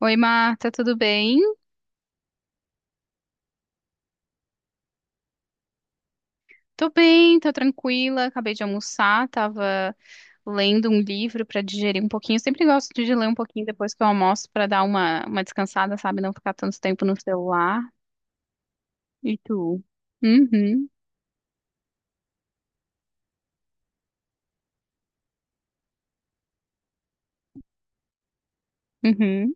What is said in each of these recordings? Oi, Marta, tudo bem? Tô bem, tô tranquila. Acabei de almoçar, tava lendo um livro pra digerir um pouquinho. Eu sempre gosto de ler um pouquinho depois que eu almoço pra dar uma descansada, sabe? Não ficar tanto tempo no celular. E tu? Uhum, uhum.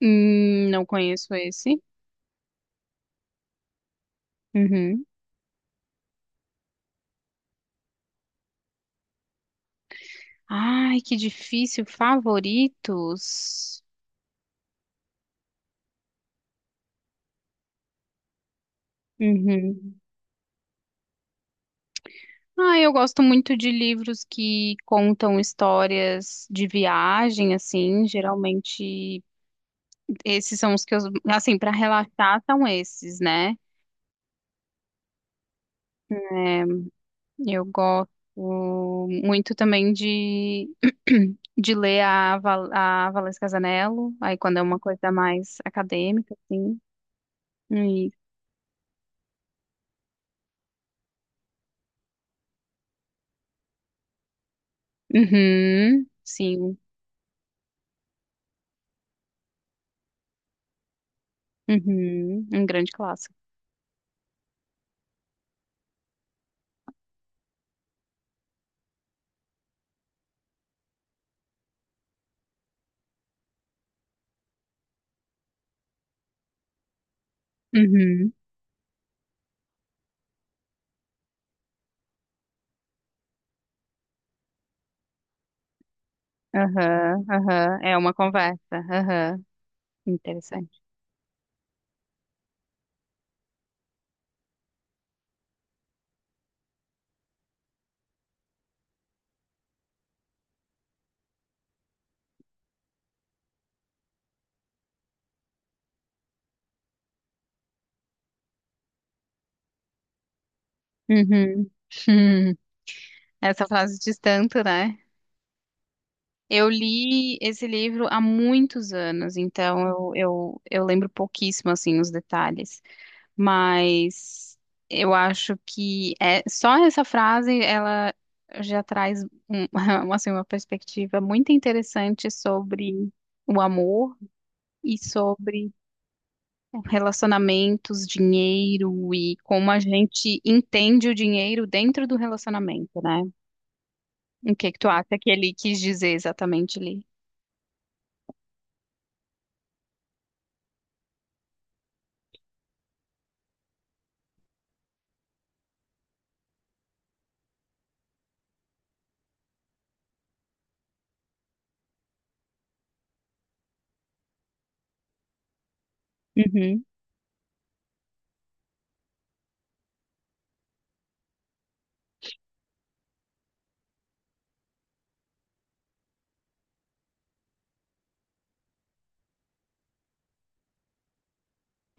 Não conheço esse. Uhum. Ai, que difícil. Favoritos? Uhum. Ah, eu gosto muito de livros que contam histórias de viagem, assim, geralmente. Esses são os que eu, Assim, para relaxar são esses, né? É, eu gosto muito também de, de ler a, a Valesca Zanello, aí quando é uma coisa mais acadêmica, assim. E, uhum, sim, uhum, um grande clássico. Uhum, aham, aham, é uma conversa, aham, interessante. Uhum, essa frase diz tanto, né? Eu li esse livro há muitos anos, então eu lembro pouquíssimo, assim, os detalhes. Mas eu acho que é, só essa frase, ela já traz um- uma, assim, uma perspectiva muito interessante sobre o amor e sobre relacionamentos, dinheiro e como a gente entende o dinheiro dentro do relacionamento, né? O que que tu acha que ele quis dizer exatamente ali? Uhum,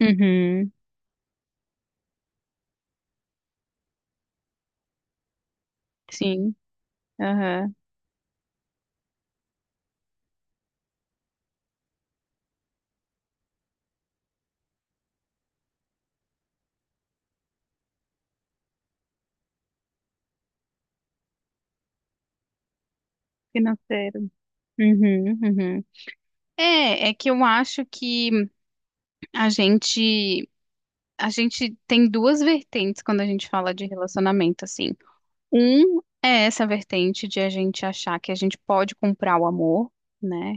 uhum, sim, aham, Financeiro. Uhum, uhum. É, é que eu acho que a gente, a gente tem duas vertentes quando a gente fala de relacionamento, assim. Um é essa vertente de a gente achar que a gente pode comprar o amor, né?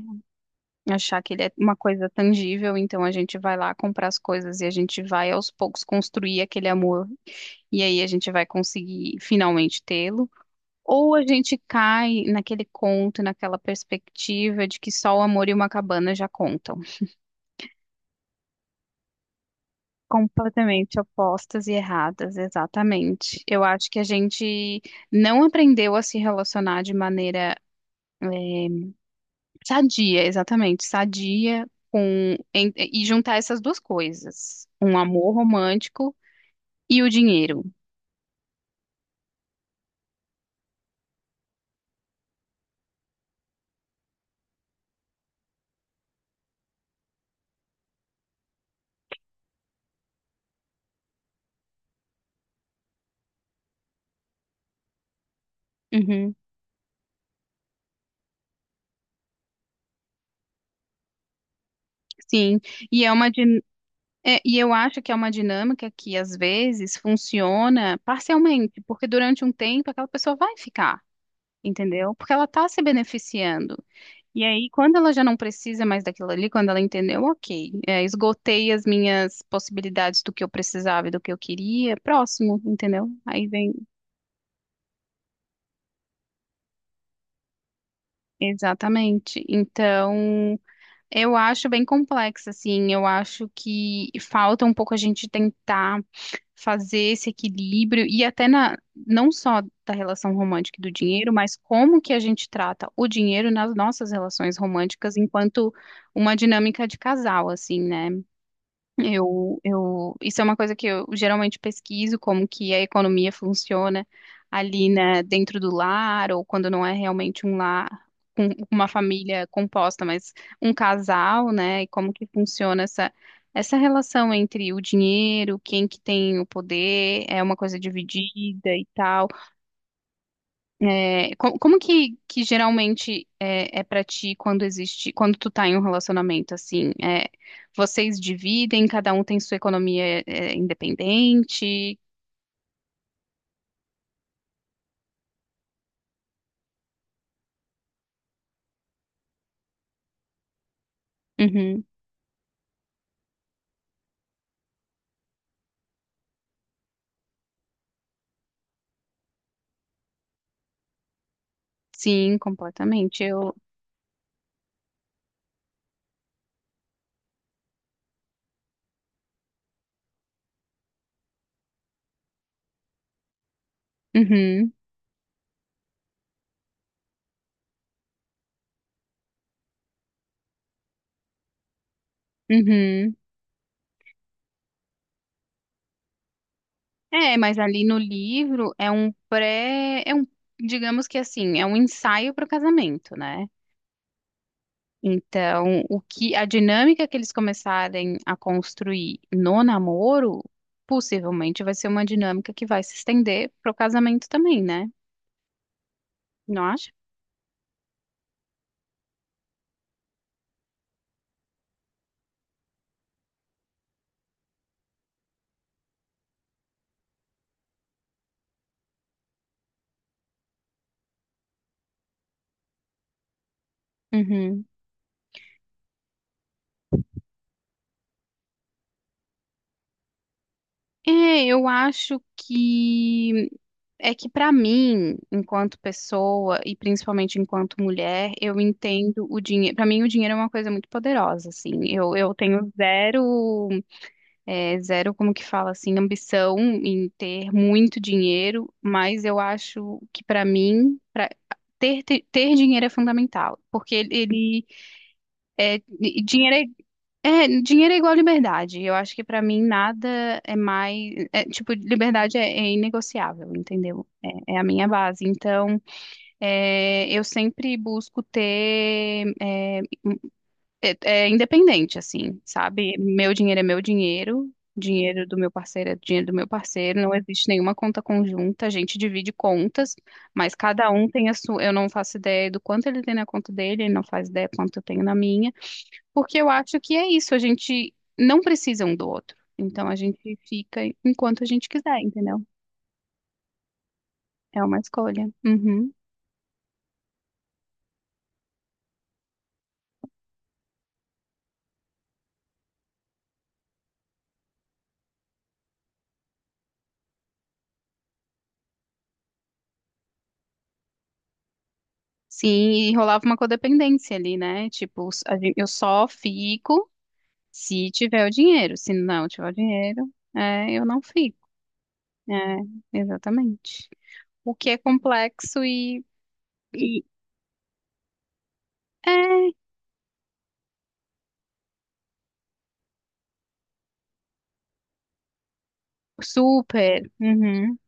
Achar que ele é uma coisa tangível, então a gente vai lá comprar as coisas e a gente vai aos poucos construir aquele amor, e aí a gente vai conseguir finalmente tê-lo. Ou a gente cai naquele conto, naquela perspectiva de que só o amor e uma cabana já contam. Completamente opostas e erradas, exatamente. Eu acho que a gente não aprendeu a se relacionar de maneira sadia, exatamente, sadia e juntar essas duas coisas, um amor romântico e o dinheiro. Uhum, sim, e é uma din- é, e eu acho que é uma dinâmica que às vezes funciona parcialmente, porque durante um tempo aquela pessoa vai ficar, entendeu? Porque ela está se beneficiando. E aí, quando ela já não precisa mais daquilo ali, quando ela entendeu, ok, é, esgotei as minhas possibilidades do que eu precisava e do que eu queria, próximo, entendeu? Aí vem. Exatamente. Então, eu acho bem complexo, assim. Eu acho que falta um pouco a gente tentar fazer esse equilíbrio e até não só da relação romântica e do dinheiro, mas como que a gente trata o dinheiro nas nossas relações românticas enquanto uma dinâmica de casal, assim, né? Isso é uma coisa que eu geralmente pesquiso, como que a economia funciona ali, né, dentro do lar, ou quando não é realmente um lar com uma família composta, mas um casal, né, e como que funciona essa relação entre o dinheiro, quem que tem o poder, é uma coisa dividida e tal. É, como que geralmente é, é para ti quando existe, quando tu tá em um relacionamento assim? É, vocês dividem, cada um tem sua economia é, independente? Uhum. Sim, completamente. Eu, uhum, uhum. É, mas ali no livro é um, digamos que assim, é um ensaio para o casamento, né? Então, o que a dinâmica que eles começarem a construir no namoro, possivelmente vai ser uma dinâmica que vai se estender pro casamento também, né? Não acha? Uhum. É, eu acho que é que pra mim, enquanto pessoa e principalmente enquanto mulher, eu entendo o dinheiro. Pra mim, o dinheiro é uma coisa muito poderosa, assim. Eu tenho zero. É, zero, como que fala assim, ambição em ter muito dinheiro, mas eu acho que ter dinheiro é fundamental, porque dinheiro é, dinheiro é igual liberdade. Eu acho que para mim nada é mais, é, tipo, liberdade é, é inegociável, entendeu? É, é a minha base. Então, é, eu sempre busco ter é, é independente, assim, sabe? Meu dinheiro é meu dinheiro, dinheiro do meu parceiro é dinheiro do meu parceiro, não existe nenhuma conta conjunta, a gente divide contas, mas cada um tem a sua. Eu não faço ideia do quanto ele tem na conta dele, ele não faz ideia quanto eu tenho na minha, porque eu acho que é isso, a gente não precisa um do outro, então a gente fica enquanto a gente quiser, entendeu? É uma escolha. Uhum. Sim, e rolava uma codependência ali, né? Tipo, eu só fico. Se tiver o dinheiro, se não tiver o dinheiro, é, eu não fico. É, exatamente. O que é complexo e é super. Uhum,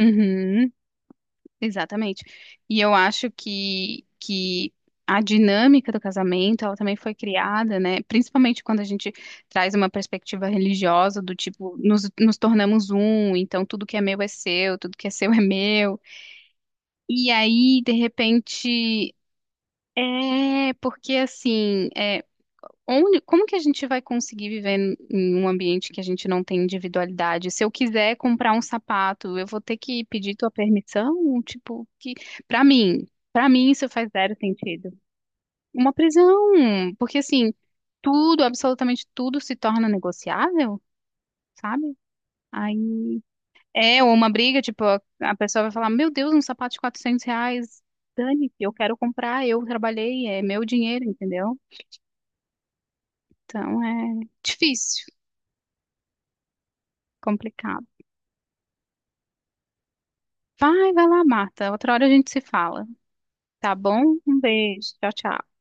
uhum, exatamente. E eu acho que a dinâmica do casamento, ela também foi criada, né? Principalmente quando a gente traz uma perspectiva religiosa do tipo, nos tornamos um, então tudo que é meu é seu, tudo que é seu é meu. E aí, de repente. É, porque assim, é, onde, como que a gente vai conseguir viver em um ambiente que a gente não tem individualidade? Se eu quiser comprar um sapato, eu vou ter que pedir tua permissão? Tipo, que para mim, para mim isso faz zero sentido. Uma prisão, porque assim, tudo, absolutamente tudo se torna negociável, sabe? Aí é ou uma briga, tipo, a pessoa vai falar, meu Deus, um sapato de R$ 400, dane-se, eu quero comprar, eu trabalhei, é meu dinheiro, entendeu? Então é difícil, complicado. Vai, vai lá, Marta. Outra hora a gente se fala. Tá bom? Um beijo. Tchau, tchau.